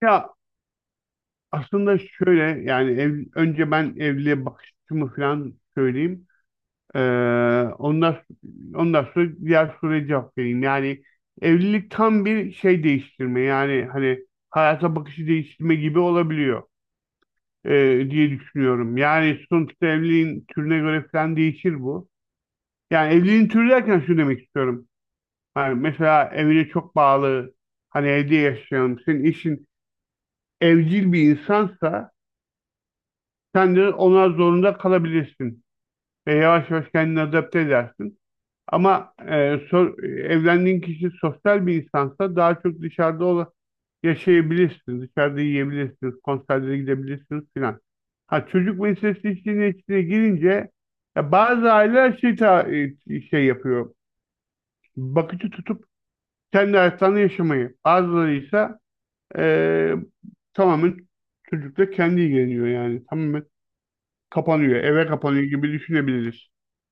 Ya aslında şöyle yani önce ben evliliğe bakış açımı falan söyleyeyim. Ee, ondan, ondan sonra diğer soruya cevap vereyim. Yani evlilik tam bir şey değiştirme yani hani hayata bakışı değiştirme gibi olabiliyor diye düşünüyorum. Yani sonuçta evliliğin türüne göre falan değişir bu. Yani evliliğin türü derken şu demek istiyorum. Yani mesela evine çok bağlı hani evde yaşayan senin eşin evcil bir insansa sen de ona zorunda kalabilirsin ve yavaş yavaş kendini adapte edersin. Ama evlendiğin kişi sosyal bir insansa daha çok dışarıda yaşayabilirsin, dışarıda yiyebilirsiniz, konserlere gidebilirsiniz filan. Ha çocuk meselesi işin içine girince ya bazı aileler şey yapıyor, bakıcı tutup kendi hayatlarını yaşamayı. Bazıları ise e, tamamen çocukla kendi ilgileniyor yani. Tamamen kapanıyor, eve kapanıyor gibi düşünebiliriz.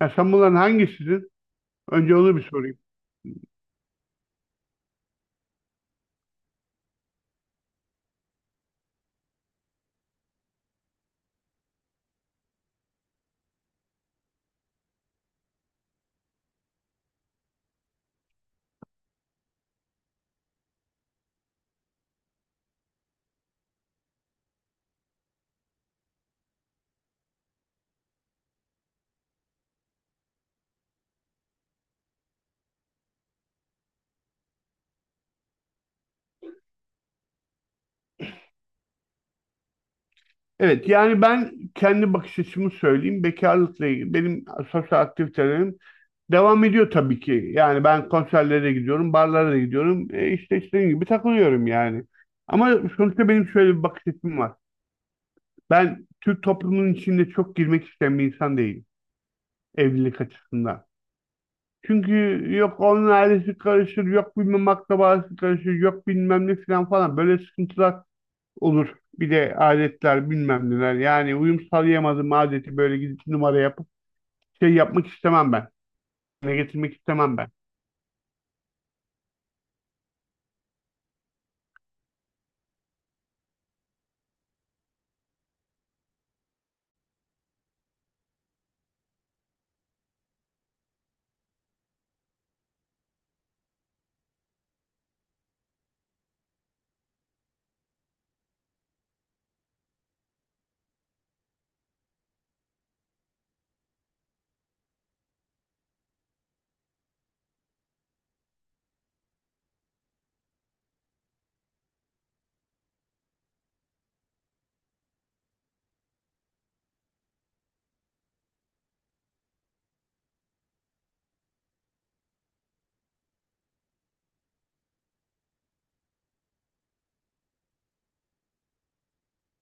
Ya sen bunların hangisisin? Önce onu bir sorayım. Evet, yani ben kendi bakış açımı söyleyeyim. Bekarlıkla ilgili benim sosyal aktivitelerim devam ediyor tabii ki. Yani ben konserlere gidiyorum, barlara da gidiyorum. E işte istediğim gibi takılıyorum yani. Ama sonuçta benim şöyle bir bakış açım var. Ben Türk toplumunun içinde çok girmek isteyen bir insan değilim evlilik açısından. Çünkü yok onun ailesi karışır, yok bilmem akrabası karışır, yok bilmem ne filan falan. Böyle sıkıntılar olur. Bir de adetler bilmem neler. Yani uyum sağlayamadım adeti böyle gidip numara yapıp şey yapmak istemem ben. Ne getirmek istemem ben.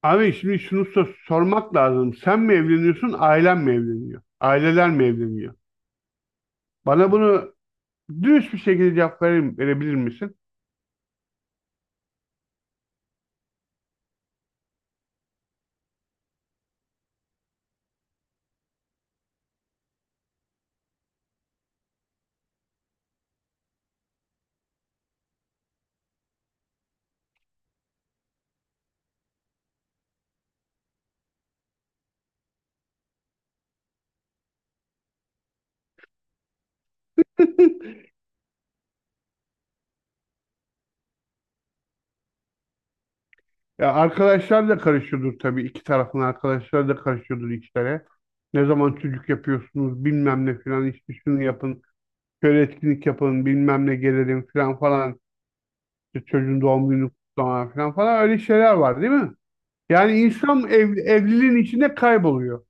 Abi şimdi şunu sormak lazım. Sen mi evleniyorsun, ailen mi evleniyor? Aileler mi evleniyor? Bana bunu dürüst bir şekilde cevap verebilir misin? Ya arkadaşlar da karışıyordur tabii. İki tarafın arkadaşları da karışıyordur işlere. Ne zaman çocuk yapıyorsunuz bilmem ne filan işte şunu yapın. Şöyle etkinlik yapın bilmem ne gelelim filan falan. İşte çocuğun doğum günü kutlama filan falan öyle şeyler var, değil mi? Yani insan evliliğin içinde kayboluyor.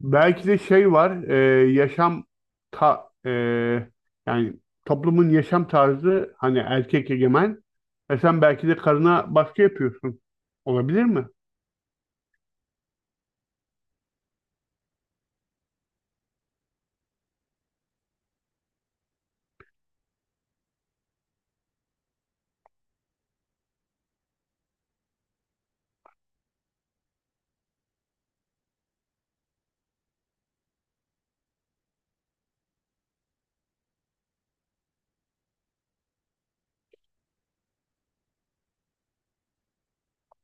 Belki de şey var, yaşam ta, e, yani toplumun yaşam tarzı hani erkek egemen. E sen belki de karına baskı yapıyorsun. Olabilir mi?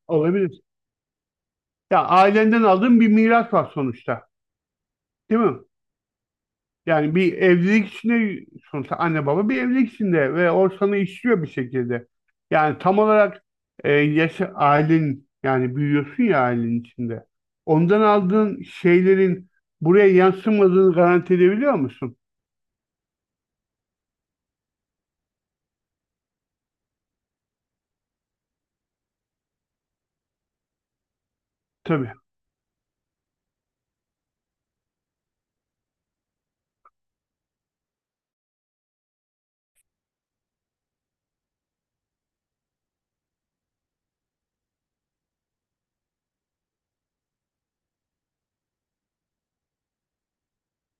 Olabilir. Ya ailenden aldığın bir miras var sonuçta, değil mi? Yani bir evlilik içinde sonuçta anne baba bir evlilik içinde ve o sana işliyor bir şekilde. Yani tam olarak ailen yani büyüyorsun ya ailenin içinde. Ondan aldığın şeylerin buraya yansımadığını garanti edebiliyor musun? Tabii.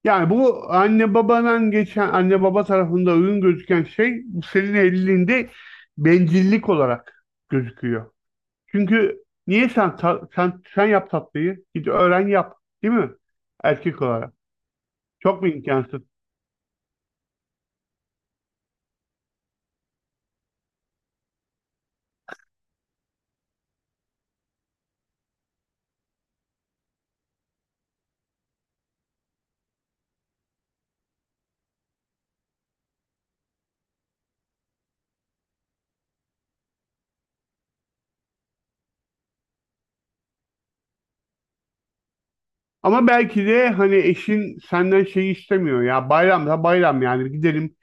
Yani bu anne babadan geçen, anne baba tarafında uygun gözüken şey senin evliliğinde bencillik olarak gözüküyor. Çünkü niye sen sen yap tatlıyı? Git öğren yap, değil mi? Erkek olarak. Çok mu imkansız? Ama belki de hani eşin senden şey istemiyor, ya bayram da bayram yani gidelim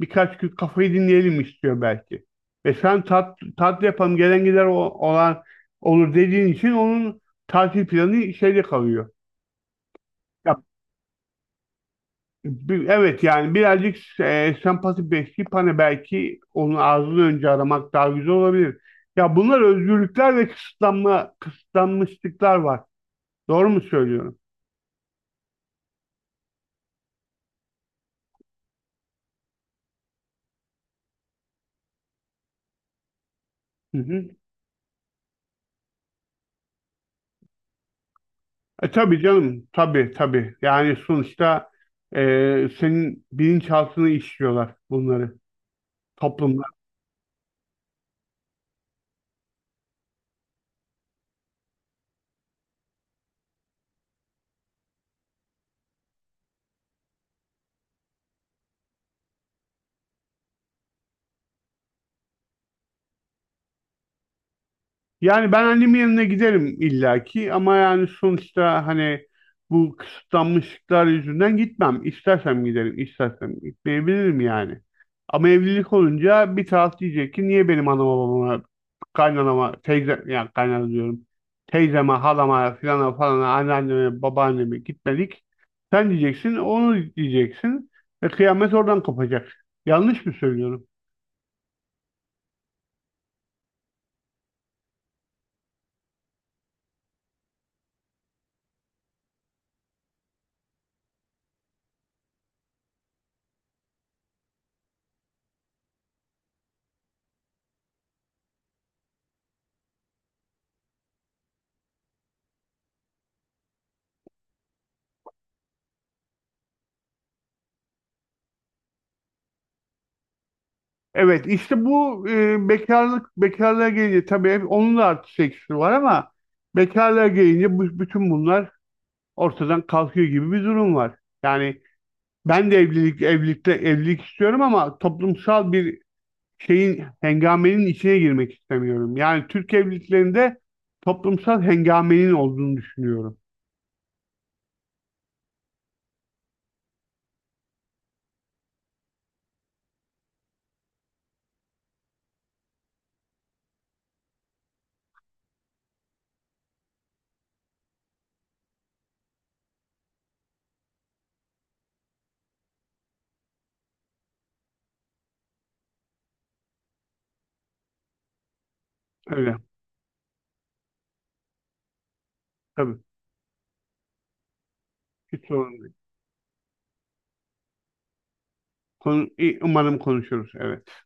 birkaç gün kafayı dinleyelim istiyor belki. Ve sen tat yapalım, gelen gider olan olur dediğin için onun tatil planı şeyde kalıyor. Ya evet, yani birazcık sempati besleyip hani belki onun ağzını önce aramak daha güzel olabilir. Ya bunlar özgürlükler ve kısıtlanmışlıklar var. Doğru mu söylüyorum? Hı hı. E, tabii canım, tabii, tabii. Yani sonuçta senin bilinçaltını işliyorlar bunları. Toplum. Yani ben annemin yanına giderim illaki ama yani sonuçta hani bu kısıtlanmışlıklar yüzünden gitmem. İstersem giderim, istersem gitmeyebilirim yani. Ama evlilik olunca bir taraf diyecek ki niye benim anama babama, kaynanama, yani kaynana diyorum, teyzeme, halama, filana falana, anneanneme, babaanneme gitmedik. Sen diyeceksin, onu diyeceksin ve kıyamet oradan kopacak. Yanlış mı söylüyorum? Evet, işte bu bekarlığa gelince tabii hep onun da artı eksisi var ama bekarlığa gelince bütün bunlar ortadan kalkıyor gibi bir durum var. Yani ben de evlilikte evlilik istiyorum ama toplumsal bir hengamenin içine girmek istemiyorum. Yani Türk evliliklerinde toplumsal hengamenin olduğunu düşünüyorum. Öyle tabii. Hiç sorun değil. Konu, umarım konuşuruz. Evet.